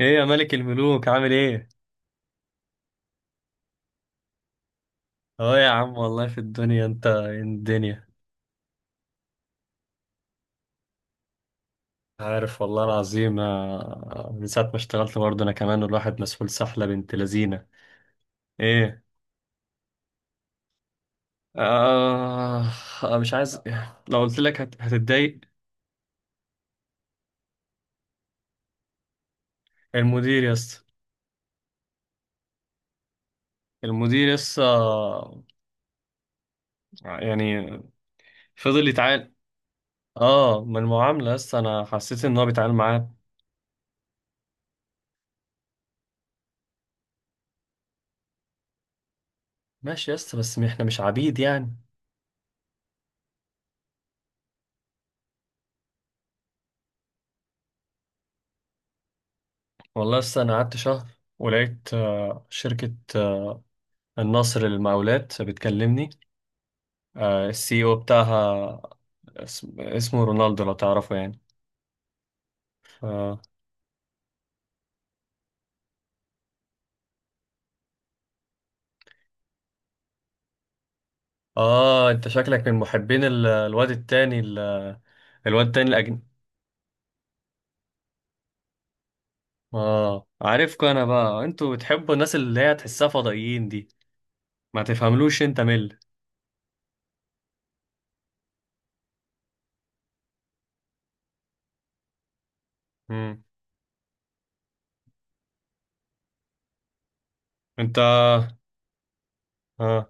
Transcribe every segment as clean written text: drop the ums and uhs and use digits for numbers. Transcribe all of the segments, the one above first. ايه يا ملك الملوك، عامل ايه؟ اه يا عم، والله في الدنيا، انت إيه الدنيا. عارف، والله العظيم. من ساعة ما اشتغلت برضه انا كمان، الواحد مسؤول سحلة بنت لذينة. ايه؟ آه. مش عايز. لو قلت لك هتتضايق. المدير يس المدير يس، يعني فضل يتعامل. اه، من المعاملة يس، انا حسيت ان هو بيتعامل معاه. ماشي يس، بس احنا مش عبيد يعني. والله يس، انا قعدت شهر ولقيت شركة النصر المقاولات بتكلمني. السي او بتاعها اسمه رونالدو، لو تعرفه يعني. ف... اه، انت شكلك من محبين الواد التاني الاجنبي. اه، عارفكم انا بقى، انتوا بتحبوا الناس اللي هي تحسها فضائيين دي. ما تفهملوش انت مل. مم. انت، اه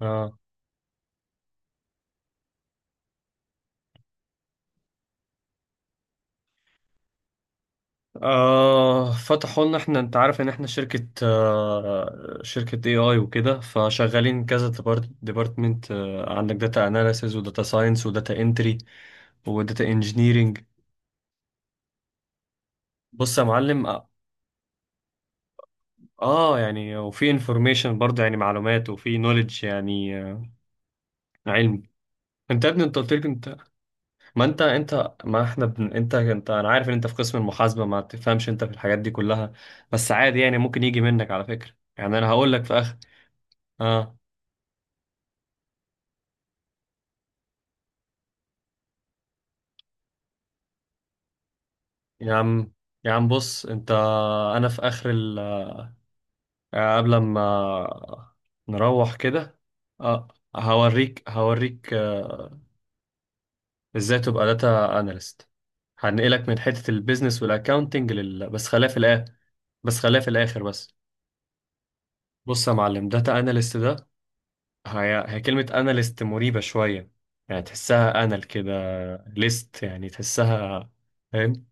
اه فتحوا لنا احنا. انت عارف ان احنا شركة اي اي وكده، فشغالين كذا ديبارتمنت. عندك داتا اناليسز، وداتا ساينس، وداتا انتري، وداتا انجينيرنج. بص يا معلم، اه. يعني، وفي انفورميشن برضه يعني معلومات، وفي نوليدج يعني علم. انت يا ابني، انت قلت لك انت. ما انت انت ما احنا بن... انت انت انا عارف ان انت في قسم المحاسبة، ما تفهمش انت في الحاجات دي كلها. بس عادي يعني، ممكن يجي منك على فكرة. يعني انا هقول لك في اخر. اه يا عم، يا عم بص انت، انا في قبل ما نروح كده. اه، هوريك ازاي تبقى داتا اناليست. هنقلك من حتة البيزنس والاكاونتنج بس خليها في الاخر. بس خليها في الاخر بس. بص يا معلم، داتا اناليست ده هي كلمة اناليست مريبة شوية. يعني تحسها انال كده، ليست يعني تحسها. فاهم؟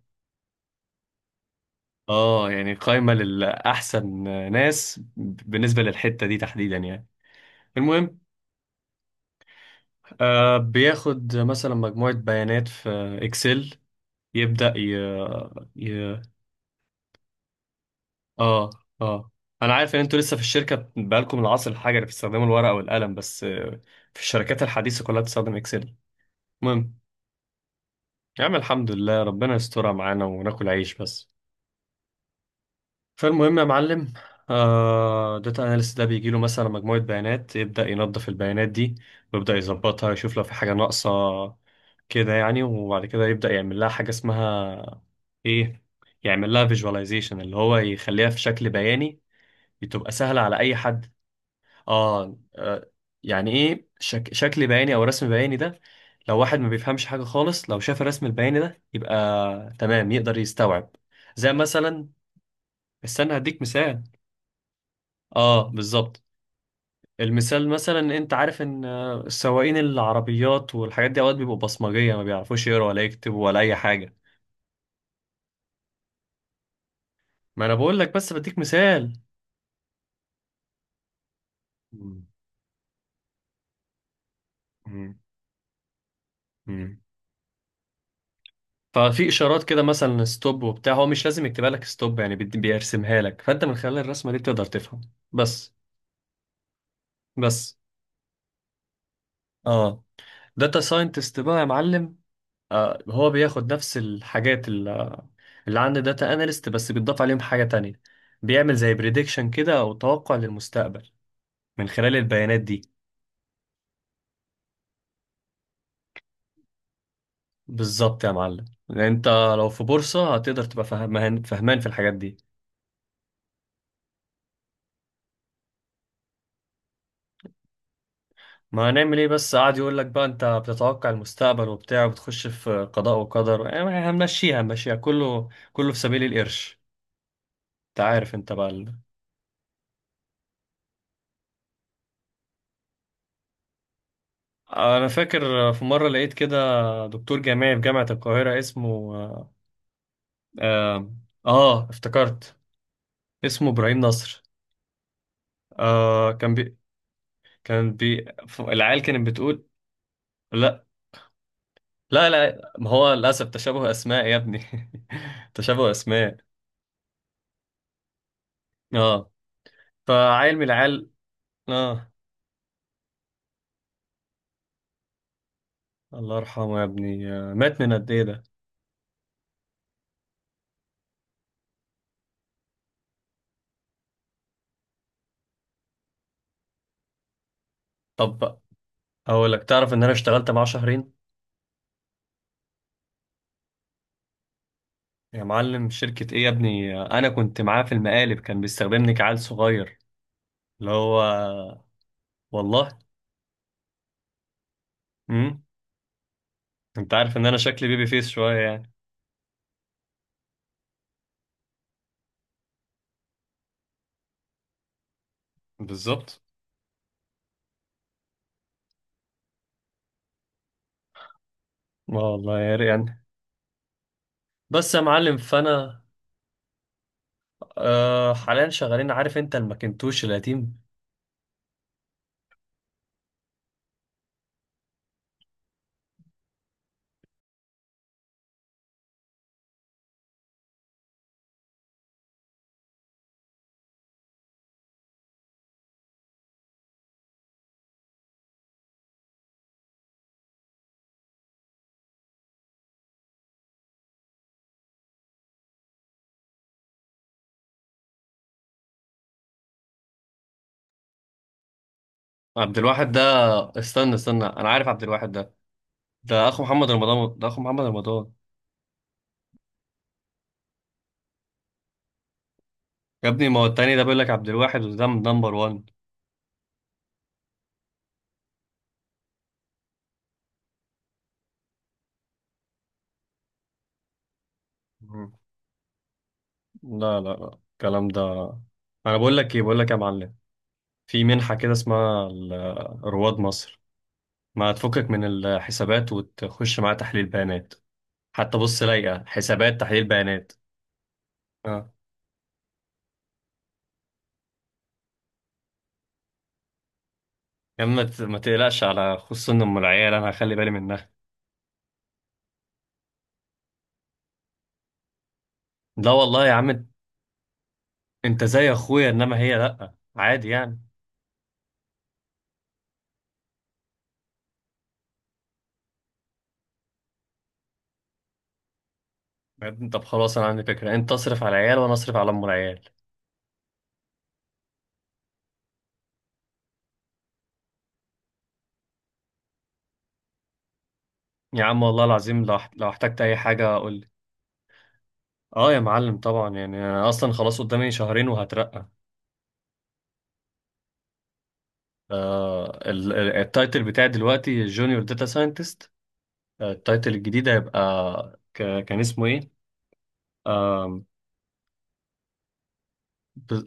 اه، يعني قايمة للأحسن ناس بالنسبة للحتة دي تحديدا يعني. المهم، بياخد مثلا مجموعة بيانات في اكسل، يبدأ ي... ي... اه اه انا عارف ان انتوا لسه في الشركة بقالكم العصر الحجري، اللي بتستخدموا الورقة والقلم، بس في الشركات الحديثة كلها بتستخدم اكسل. المهم، يا عم الحمد لله، ربنا يسترها معانا وناكل عيش بس. فالمهم يا معلم، داتا اناليست ده بيجي له مثلا مجموعة بيانات، يبدأ ينظف البيانات دي، ويبدأ يظبطها، يشوف لو في حاجة ناقصة كده يعني. وبعد كده يبدأ يعمل لها حاجة اسمها ايه، يعمل لها فيجواليزيشن، اللي هو يخليها في شكل بياني، تبقى سهلة على أي حد. آه, آه يعني ايه شكل بياني أو رسم بياني ده؟ لو واحد ما بيفهمش حاجة خالص، لو شاف الرسم البياني ده، يبقى تمام، يقدر يستوعب، زي مثلا. استنى، هديك مثال. اه، بالظبط. المثال مثلا، انت عارف ان السواقين العربيات والحاجات دي، اوقات بيبقوا بصمجيه، ما بيعرفوش يقروا ولا يكتبوا ولا اي حاجه. ما انا بقول لك، بس بديك مثال. مم. مم. مم. ففي اشارات كده، مثلا ستوب وبتاع، هو مش لازم يكتبها لك ستوب، يعني بيرسمها لك، فانت من خلال الرسمه دي بتقدر تفهم بس. بس، اه. داتا ساينتست بقى يا معلم، هو بياخد نفس الحاجات اللي عندي داتا اناليست، بس بيتضاف عليهم حاجة تانية. بيعمل زي بريدكشن كده، او توقع للمستقبل من خلال البيانات دي. بالظبط يا معلم، لان انت لو في بورصة، هتقدر تبقى فهمان في الحاجات دي. ما هنعمل ايه، بس قاعد يقول لك بقى انت بتتوقع المستقبل وبتاع، وبتخش في قضاء وقدر، يعني هنمشيها هنمشيها كله كله في سبيل القرش. انت عارف انت بقى انا فاكر في مرة لقيت كده دكتور جامعي في جامعة القاهرة اسمه، آه, آه, اه افتكرت اسمه ابراهيم نصر. آه كان بي العيال كانت بتقول. لا لا لا، ما هو للأسف تشابه أسماء يا ابني تشابه أسماء. اه، فعيل من العيال. اه، الله يرحمه يا ابني، مات من قد ايه ده؟ طب بقى، اقول لك، تعرف ان انا اشتغلت معاه شهرين. يا معلم شركة ايه يا ابني، انا كنت معاه في المقالب، كان بيستخدمني كعيل صغير اللي هو، والله. امم انت عارف ان انا شكلي بيبي فيس شوية يعني. بالظبط. اه والله يا ريت يعني. بس يا معلم، فانا حاليا شغالين، عارف انت الماكنتوش القديم. عبد الواحد ده، استنى استنى، انا عارف عبد الواحد ده. ده اخو محمد رمضان، ده اخو محمد رمضان. يا ابني، ما هو التاني ده بيقول لك عبد الواحد، وده نمبر 1. مم. لا لا لا الكلام ده. انا بقول لك ايه، بقول لك يا معلم، في منحة كده اسمها رواد مصر. ما تفكك من الحسابات وتخش معاها تحليل بيانات. حتى بص، لايقة حسابات تحليل بيانات. اه يا عم، ما تقلقش، على خصوصا ام العيال انا هخلي بالي منها. لا والله يا عم، انت زي اخويا، انما هي لا عادي يعني. بعدين، طب خلاص، انا عندي فكره، انت اصرف على العيال وانا اصرف على ام العيال. يا عم والله العظيم، لو لو احتجت اي حاجه قول لي. اه يا معلم، طبعا يعني، انا اصلا خلاص قدامي شهرين وهترقى. التايتل بتاعي دلوقتي جونيور داتا ساينتست. التايتل الجديد هيبقى كان اسمه ايه، آه.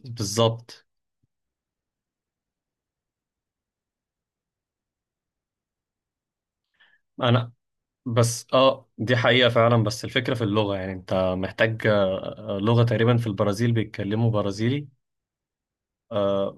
بالظبط. انا، بس اه، دي حقيقه فعلا، بس الفكره في اللغه يعني، انت محتاج لغه، تقريبا في البرازيل بيتكلموا برازيلي. آه.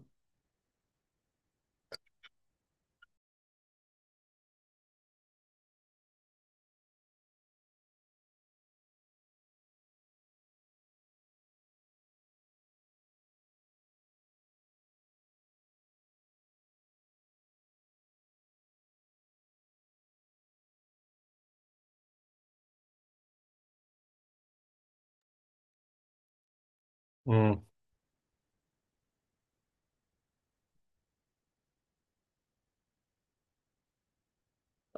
مم.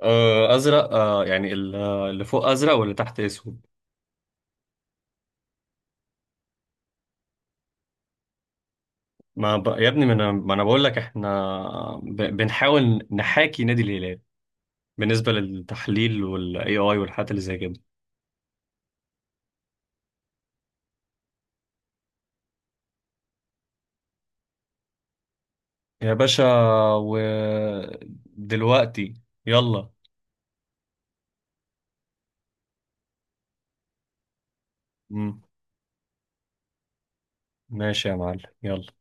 ازرق، يعني اللي فوق ازرق واللي تحت اسود. ما ب... يا ابني، ما انا بقول لك احنا، بنحاول نحاكي نادي الهلال. بالنسبه للتحليل، والاي اي، والحاجات اللي زي كده. يا باشا، ودلوقتي، يلا. مم. ماشي يا معلم، يلا.